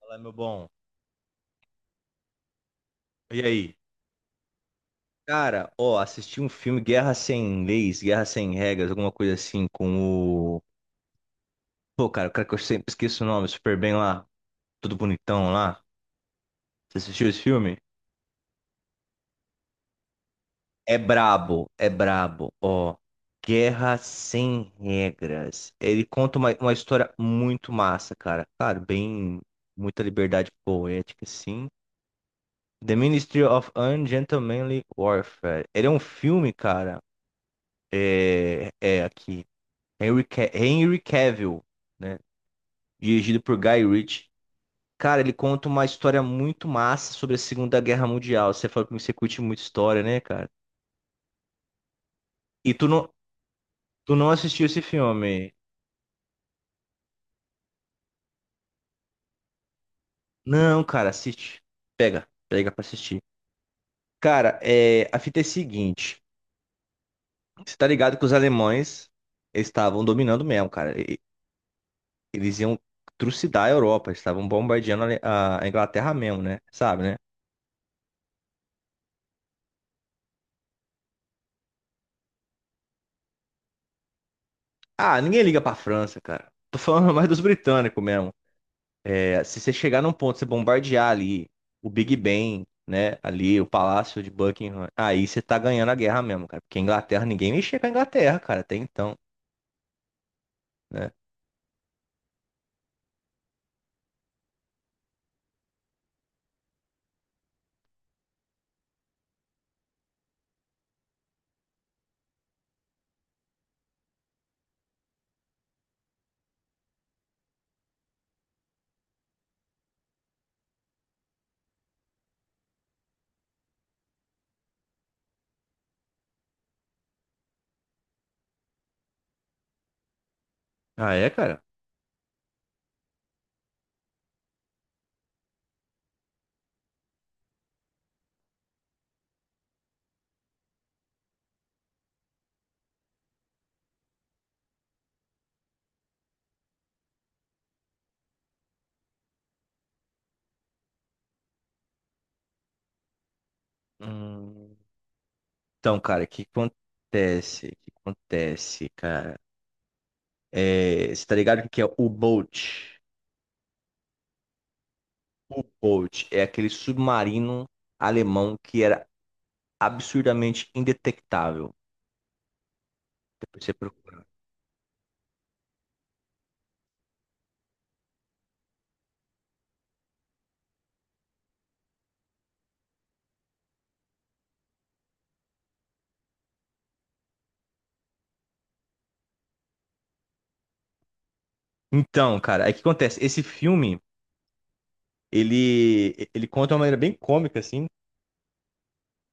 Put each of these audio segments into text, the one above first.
Fala, meu bom. E aí? Cara, ó, assisti um filme Guerra Sem Leis, Guerra Sem Regras, alguma coisa assim, com o. Pô, cara, o cara que eu sempre esqueço o nome, super bem lá, tudo bonitão lá. Você assistiu esse filme? É brabo, ó. Guerra Sem Regras. Ele conta uma história muito massa, cara. Claro, bem. Muita liberdade poética, sim. The Ministry of Ungentlemanly Warfare. Ele é um filme, cara. É aqui. Henry, Henry Cavill, né? Dirigido por Guy Ritchie. Cara, ele conta uma história muito massa sobre a Segunda Guerra Mundial. Você falou que você curte muito história, né, cara? E tu não, tu não assistiu esse filme? Não, cara, assiste. Pega, pega pra assistir. Cara, é, a fita é a seguinte. Você tá ligado que os alemães estavam dominando mesmo, cara. Eles iam trucidar a Europa. Eles estavam bombardeando a Inglaterra mesmo, né? Sabe, né? Ah, ninguém liga pra França, cara. Tô falando mais dos britânicos mesmo. É, se você chegar num ponto, você bombardear ali o Big Ben, né? Ali o Palácio de Buckingham, aí você tá ganhando a guerra mesmo, cara. Porque a Inglaterra, ninguém mexia com a Inglaterra, cara, até então, né? Ah, é, cara? Hum, Então, cara, o que acontece? O que acontece, cara? É, você tá ligado o que que é o U-Boot? O U-Boot é aquele submarino alemão que era absurdamente indetectável. Depois você procura. Então, cara, aí o que acontece? Esse filme, ele conta de uma maneira bem cômica, assim.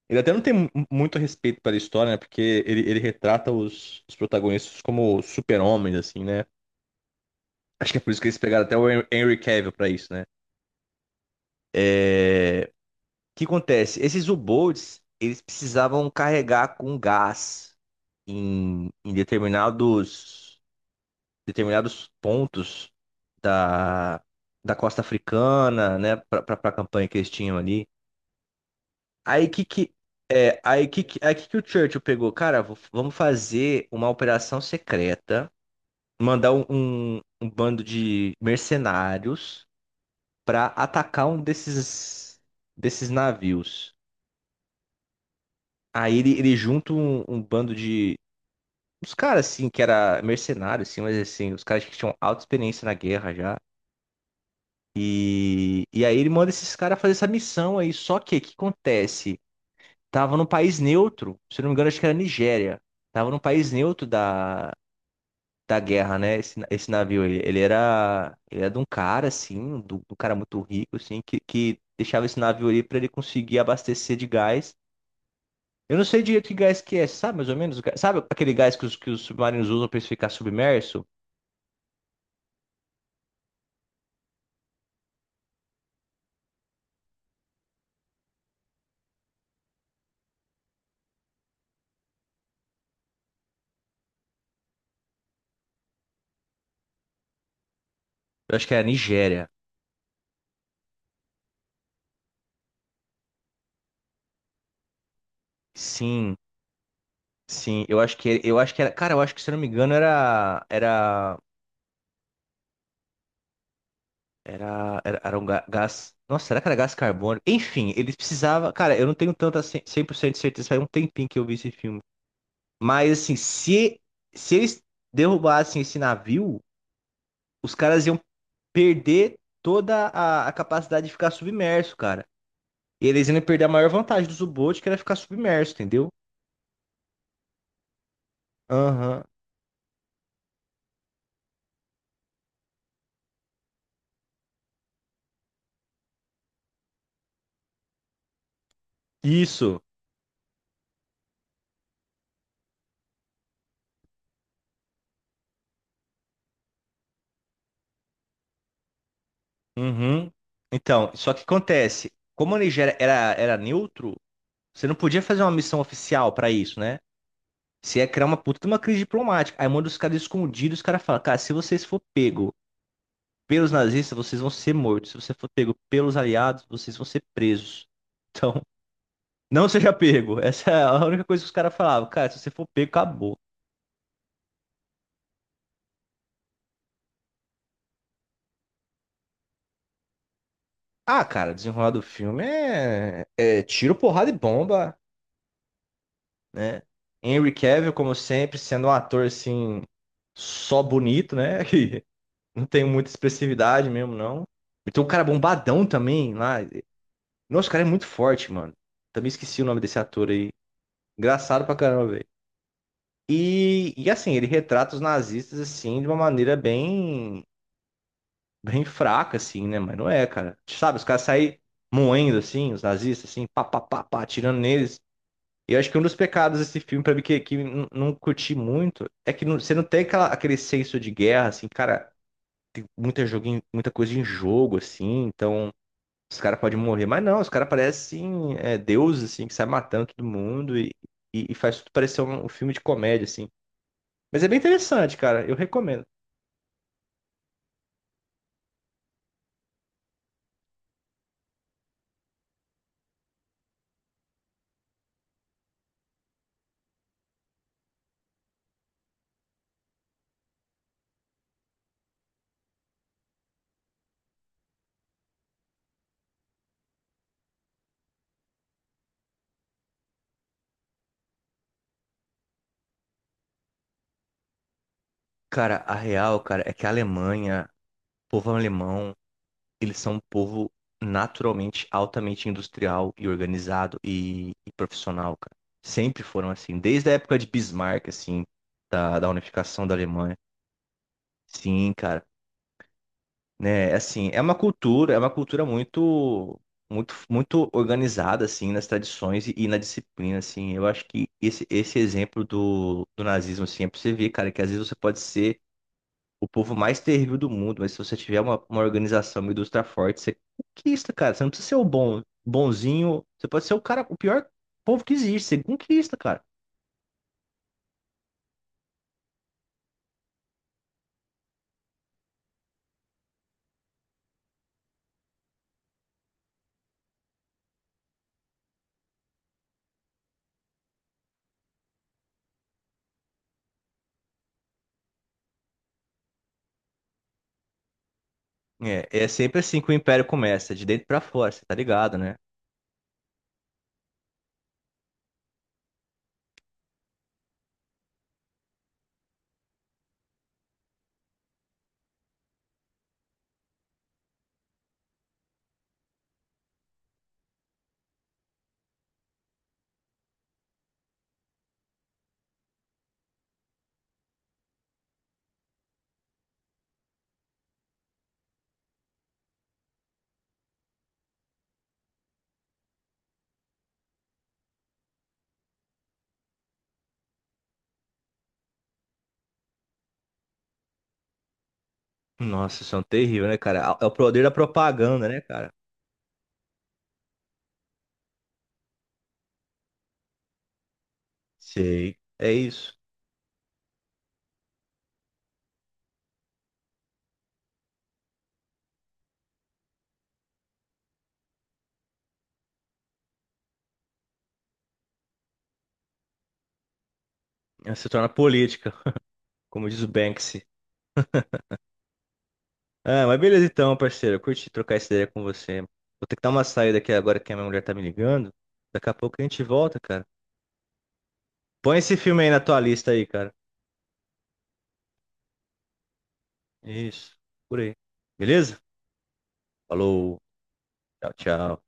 Ele até não tem muito respeito pela história, né? Porque ele retrata os protagonistas como super-homens, assim, né? Acho que é por isso que eles pegaram até o Henry Cavill pra isso, né? É, o que acontece? Esses U-Boats, eles precisavam carregar com gás em determinados pontos da, da costa africana, né? Pra campanha que eles tinham ali. Aí que é, aí que o Churchill pegou, cara, vamos fazer uma operação secreta, mandar um bando de mercenários pra atacar um desses navios. Aí ele junta um bando de uns caras assim que era mercenário assim, mas assim, os caras que tinham alta experiência na guerra já. E aí ele manda esses caras fazer essa missão aí, só que o que acontece? Tava num país neutro, se não me engano, acho que era Nigéria. Tava num país neutro da guerra, né? Esse navio, ele era de um cara, assim, do cara muito rico, assim, que deixava esse navio ali pra ele conseguir abastecer de gás. Eu não sei direito que gás que é, sabe mais ou menos? O gás? Sabe aquele gás que que os submarinos usam pra eles ficar submerso? Eu acho que era Nigéria. Sim, sim. Eu acho que era, cara, eu acho que se eu não me engano era um gás. Nossa, será que era gás carbônico? Enfim, eles precisavam. Cara, eu não tenho tanta 100% de certeza, faz um tempinho que eu vi esse filme. Mas, assim, se eles derrubassem esse navio, os caras iam perder toda a capacidade de ficar submerso, cara. E eles iam perder a maior vantagem do U-Boot, que era ficar submerso, entendeu? Aham. Isso. Uhum. Então, só que acontece, como a Nigéria era neutro, você não podia fazer uma missão oficial pra isso, né? Se é criar uma puta de uma crise diplomática. Aí manda os caras escondidos, os caras falam, cara, se vocês for pego pelos nazistas, vocês vão ser mortos. Se você for pego pelos aliados, vocês vão ser presos. Então, não seja pego. Essa é a única coisa que os caras falavam. Cara, se você for pego, acabou. Ah, cara, desenrolar do filme é tiro, porrada e bomba, né? Henry Cavill, como sempre, sendo um ator assim, só bonito, né? Que não tem muita expressividade mesmo, não. E tem um cara bombadão também lá. Nossa, o cara é muito forte, mano. Também esqueci o nome desse ator aí. Engraçado pra caramba, velho. E assim, ele retrata os nazistas, assim, de uma maneira bem, bem fraca, assim, né? Mas não é, cara. Sabe, os caras saem moendo, assim, os nazistas, assim, pá, pá, pá, pá, atirando neles. E eu acho que um dos pecados desse filme, pra mim, que não curti muito, é que você não tem aquele senso de guerra, assim, cara, tem muita coisa em jogo, assim, então... Os caras podem morrer, mas não, os caras parecem é, deuses, assim, que sai matando todo mundo e faz tudo parecer um filme de comédia, assim. Mas é bem interessante, cara, eu recomendo. Cara, a real, cara, é que a Alemanha, o povo alemão, eles são um povo naturalmente altamente industrial e organizado e profissional, cara. Sempre foram assim, desde a época de Bismarck, assim, da unificação da Alemanha. Sim, cara. Né? É, assim, é uma cultura muito, muito, muito organizada, assim, nas tradições e na disciplina, assim. Eu acho que esse exemplo do nazismo, assim, é pra você ver, cara, que às vezes você pode ser o povo mais terrível do mundo, mas se você tiver uma organização, uma indústria forte, você é conquista, cara. Você não precisa ser o bom, bonzinho, você pode ser o cara, o pior povo que existe, você conquista, cara. É sempre assim que o império começa, de dentro pra fora, você tá ligado, né? Nossa, isso é um terrível, né, cara? É o poder da propaganda, né, cara? Sei. É isso. Ela se torna política, como diz o Banksy. Ah, mas beleza então, parceiro. Eu curti trocar essa ideia com você. Vou ter que dar uma saída aqui agora que a minha mulher tá me ligando. Daqui a pouco a gente volta, cara. Põe esse filme aí na tua lista aí, cara. Isso. Por aí. Beleza? Falou. Tchau, tchau.